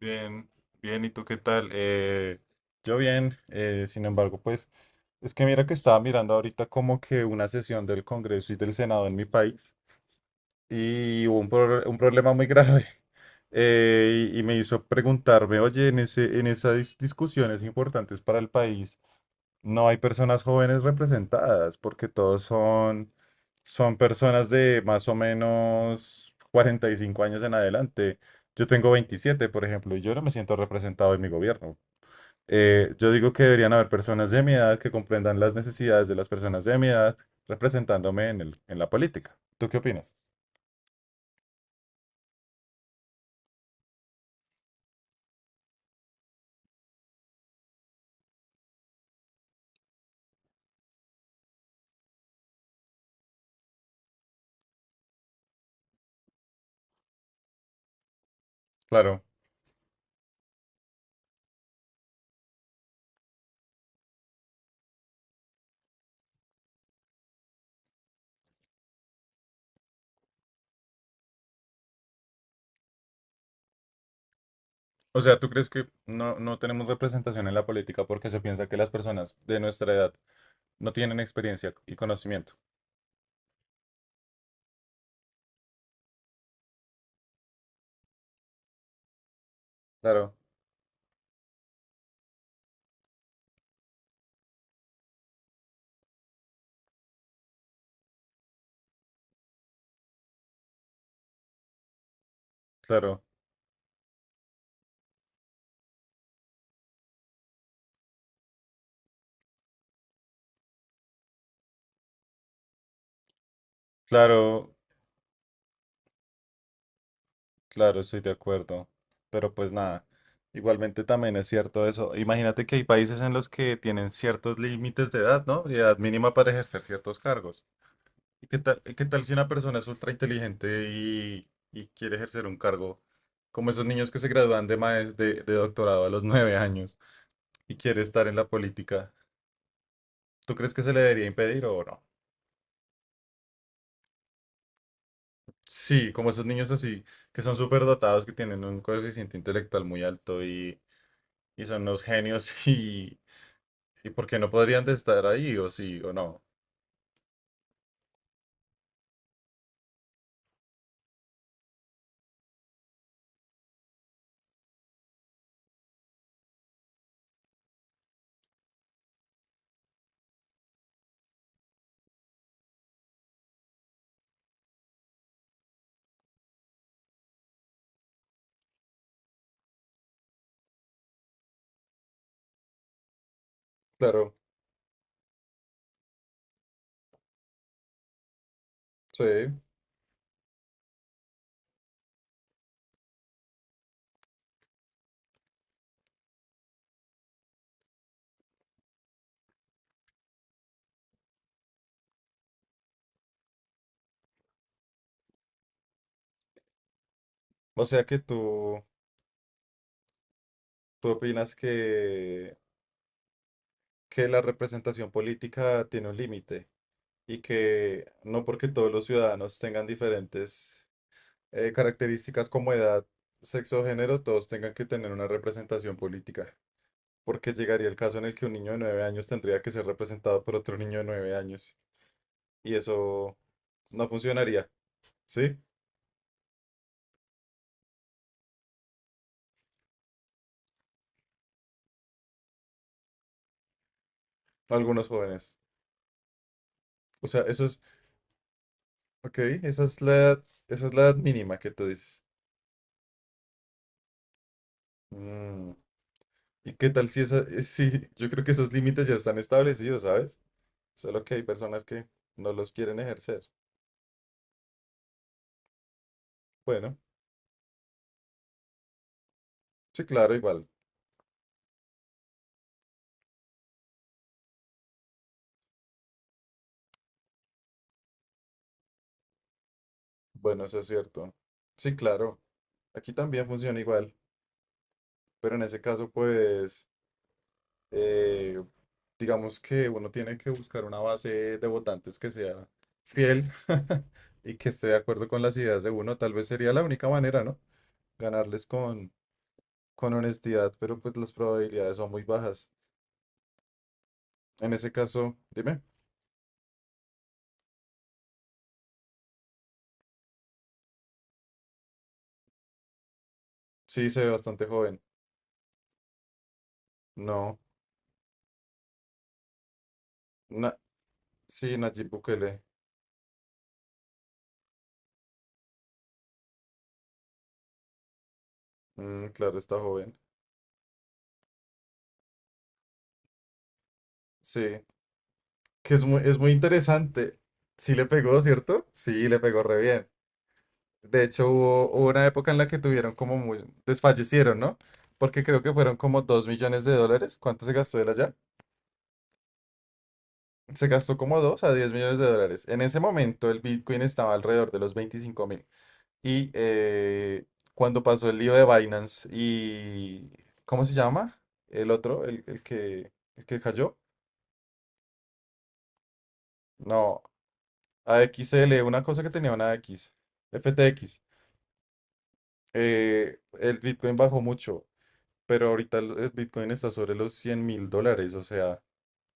Bien, bien, ¿y tú qué tal? Yo bien, sin embargo, pues es que mira que estaba mirando ahorita como que una sesión del Congreso y del Senado en mi país y hubo un problema muy grave y me hizo preguntarme, oye, en esas discusiones importantes para el país no hay personas jóvenes representadas, porque todos son personas de más o menos 45 años en adelante. Yo tengo 27, por ejemplo, y yo no me siento representado en mi gobierno. Yo digo que deberían haber personas de mi edad que comprendan las necesidades de las personas de mi edad representándome en la política. ¿Tú qué opinas? Claro. O sea, ¿tú crees que no tenemos representación en la política porque se piensa que las personas de nuestra edad no tienen experiencia y conocimiento? Claro, claro. Claro, claro, estoy de acuerdo. Pero pues nada, igualmente también es cierto eso. Imagínate que hay países en los que tienen ciertos límites de edad, ¿no? De edad mínima para ejercer ciertos cargos. ¿Y qué tal si una persona es ultra inteligente y quiere ejercer un cargo? Como esos niños que se gradúan de doctorado a los 9 años y quiere estar en la política. ¿Tú crees que se le debería impedir o no? Sí, como esos niños así, que son súper dotados, que tienen un coeficiente intelectual muy alto y son unos genios y ¿por qué no podrían de estar ahí o sí o no? Claro, sí. O sea que tú opinas que, la representación política tiene un límite y que no porque todos los ciudadanos tengan diferentes características como edad, sexo, o género, todos tengan que tener una representación política. Porque llegaría el caso en el que un niño de 9 años tendría que ser representado por otro niño de 9 años. Y eso no funcionaría, ¿sí? Algunos jóvenes. O sea, eso es, ok, esa es la edad mínima que tú dices. Mm. ¿Y qué tal si esa, Sí, yo creo que esos límites ya están establecidos, ¿sabes? Solo que hay personas que no los quieren ejercer. Bueno, sí, claro, igual. Bueno, eso es cierto. Sí, claro. Aquí también funciona igual, pero en ese caso, pues, eh, digamos que uno tiene que buscar una base de votantes que sea fiel y que esté de acuerdo con las ideas de uno. Tal vez sería la única manera, ¿no? Ganarles con honestidad, pero pues las probabilidades son muy bajas. En ese caso, dime, sí se ve bastante joven. No, na- sí, Nayib Bukele. Mm, claro, está joven. Sí, que es muy interesante. Sí le pegó, ¿cierto? Sí, le pegó re bien. De hecho, hubo una época en la que tuvieron como desfallecieron, ¿no? Porque creo que fueron como 2 millones de dólares. ¿Cuánto se gastó él allá? Se gastó como 2 a 10 millones de dólares. En ese momento el Bitcoin estaba alrededor de los 25.000. Y eh, cuando pasó el lío de Binance y... ¿Cómo se llama? El otro, el que cayó. No, a AXL, una cosa que tenía una X, FTX. El Bitcoin bajó mucho, pero ahorita el Bitcoin está sobre los 100.000 dólares. O sea,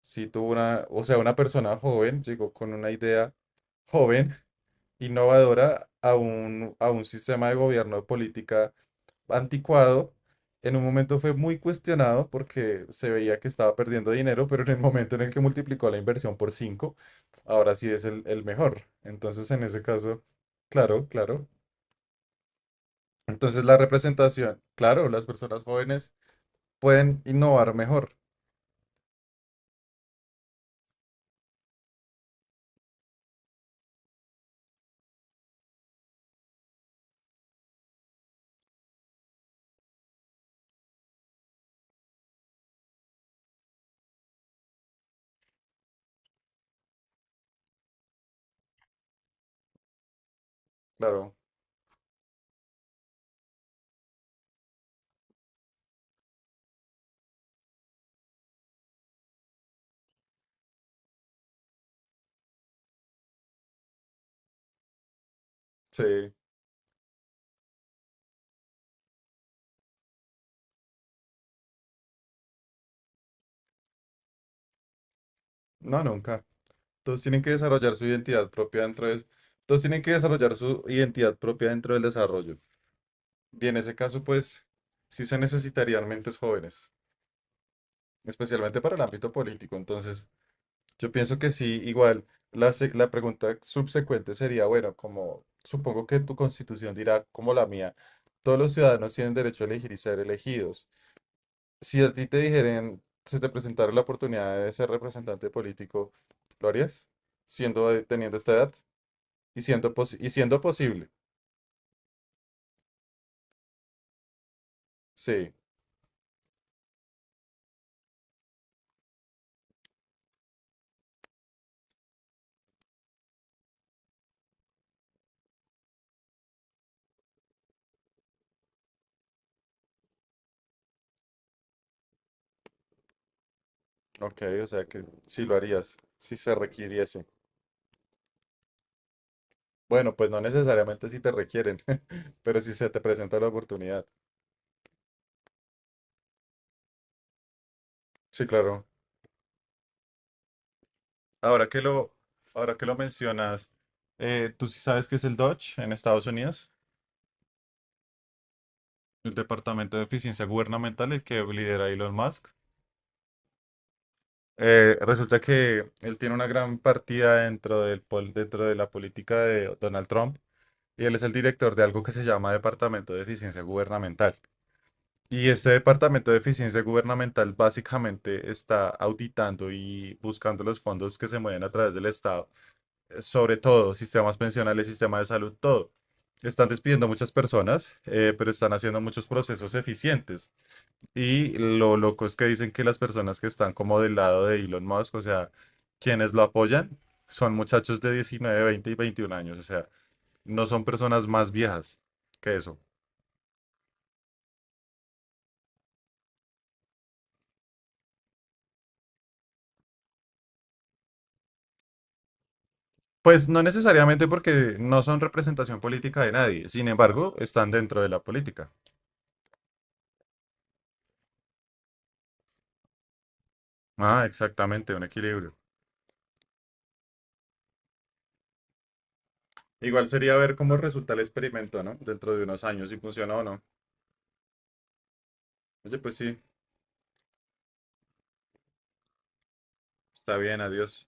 si tuvo una, o sea, una persona joven llegó con una idea joven innovadora a un sistema de gobierno de política anticuado. En un momento fue muy cuestionado porque se veía que estaba perdiendo dinero, pero en el momento en el que multiplicó la inversión por 5 ahora sí es el mejor. Entonces, en ese caso, claro, claro. Entonces, la representación, claro, las personas jóvenes pueden innovar mejor, claro, sí, no, nunca. Todos tienen que desarrollar su identidad propia Todos tienen que desarrollar su identidad propia dentro del desarrollo. Y en ese caso, pues, sí se necesitarían mentes jóvenes, especialmente para el ámbito político. Entonces, yo pienso que sí, igual, la pregunta subsecuente sería, bueno, como supongo que tu constitución dirá, como la mía, todos los ciudadanos tienen derecho a elegir y ser elegidos. Si a ti te dijeran, se te presentara la oportunidad de ser representante político, ¿lo harías? Teniendo esta edad y siendo posible. Sí, ok, o sea que sí lo harías, si se requiriese. Bueno, pues no necesariamente si te requieren, pero si se te presenta la oportunidad. Sí, claro. Ahora que lo, ahora que lo mencionas, ¿tú sí sabes qué es el Dodge en Estados Unidos? El Departamento de Eficiencia Gubernamental, el que lidera Elon Musk. Resulta que él tiene una gran partida dentro de la política de Donald Trump y él es el director de algo que se llama Departamento de Eficiencia Gubernamental. Y este Departamento de Eficiencia Gubernamental básicamente está auditando y buscando los fondos que se mueven a través del Estado, sobre todo sistemas pensionales, sistema de salud, todo. Están despidiendo muchas personas, pero están haciendo muchos procesos eficientes. Y lo loco es que dicen que las personas que están como del lado de Elon Musk, o sea, quienes lo apoyan, son muchachos de 19, 20 y 21 años, o sea, no son personas más viejas que eso. Pues no necesariamente porque no son representación política de nadie, sin embargo, están dentro de la política. Ah, exactamente, un equilibrio. Igual sería ver cómo resulta el experimento, ¿no? Dentro de unos años, si funciona o no. Oye, pues sí, está bien, adiós.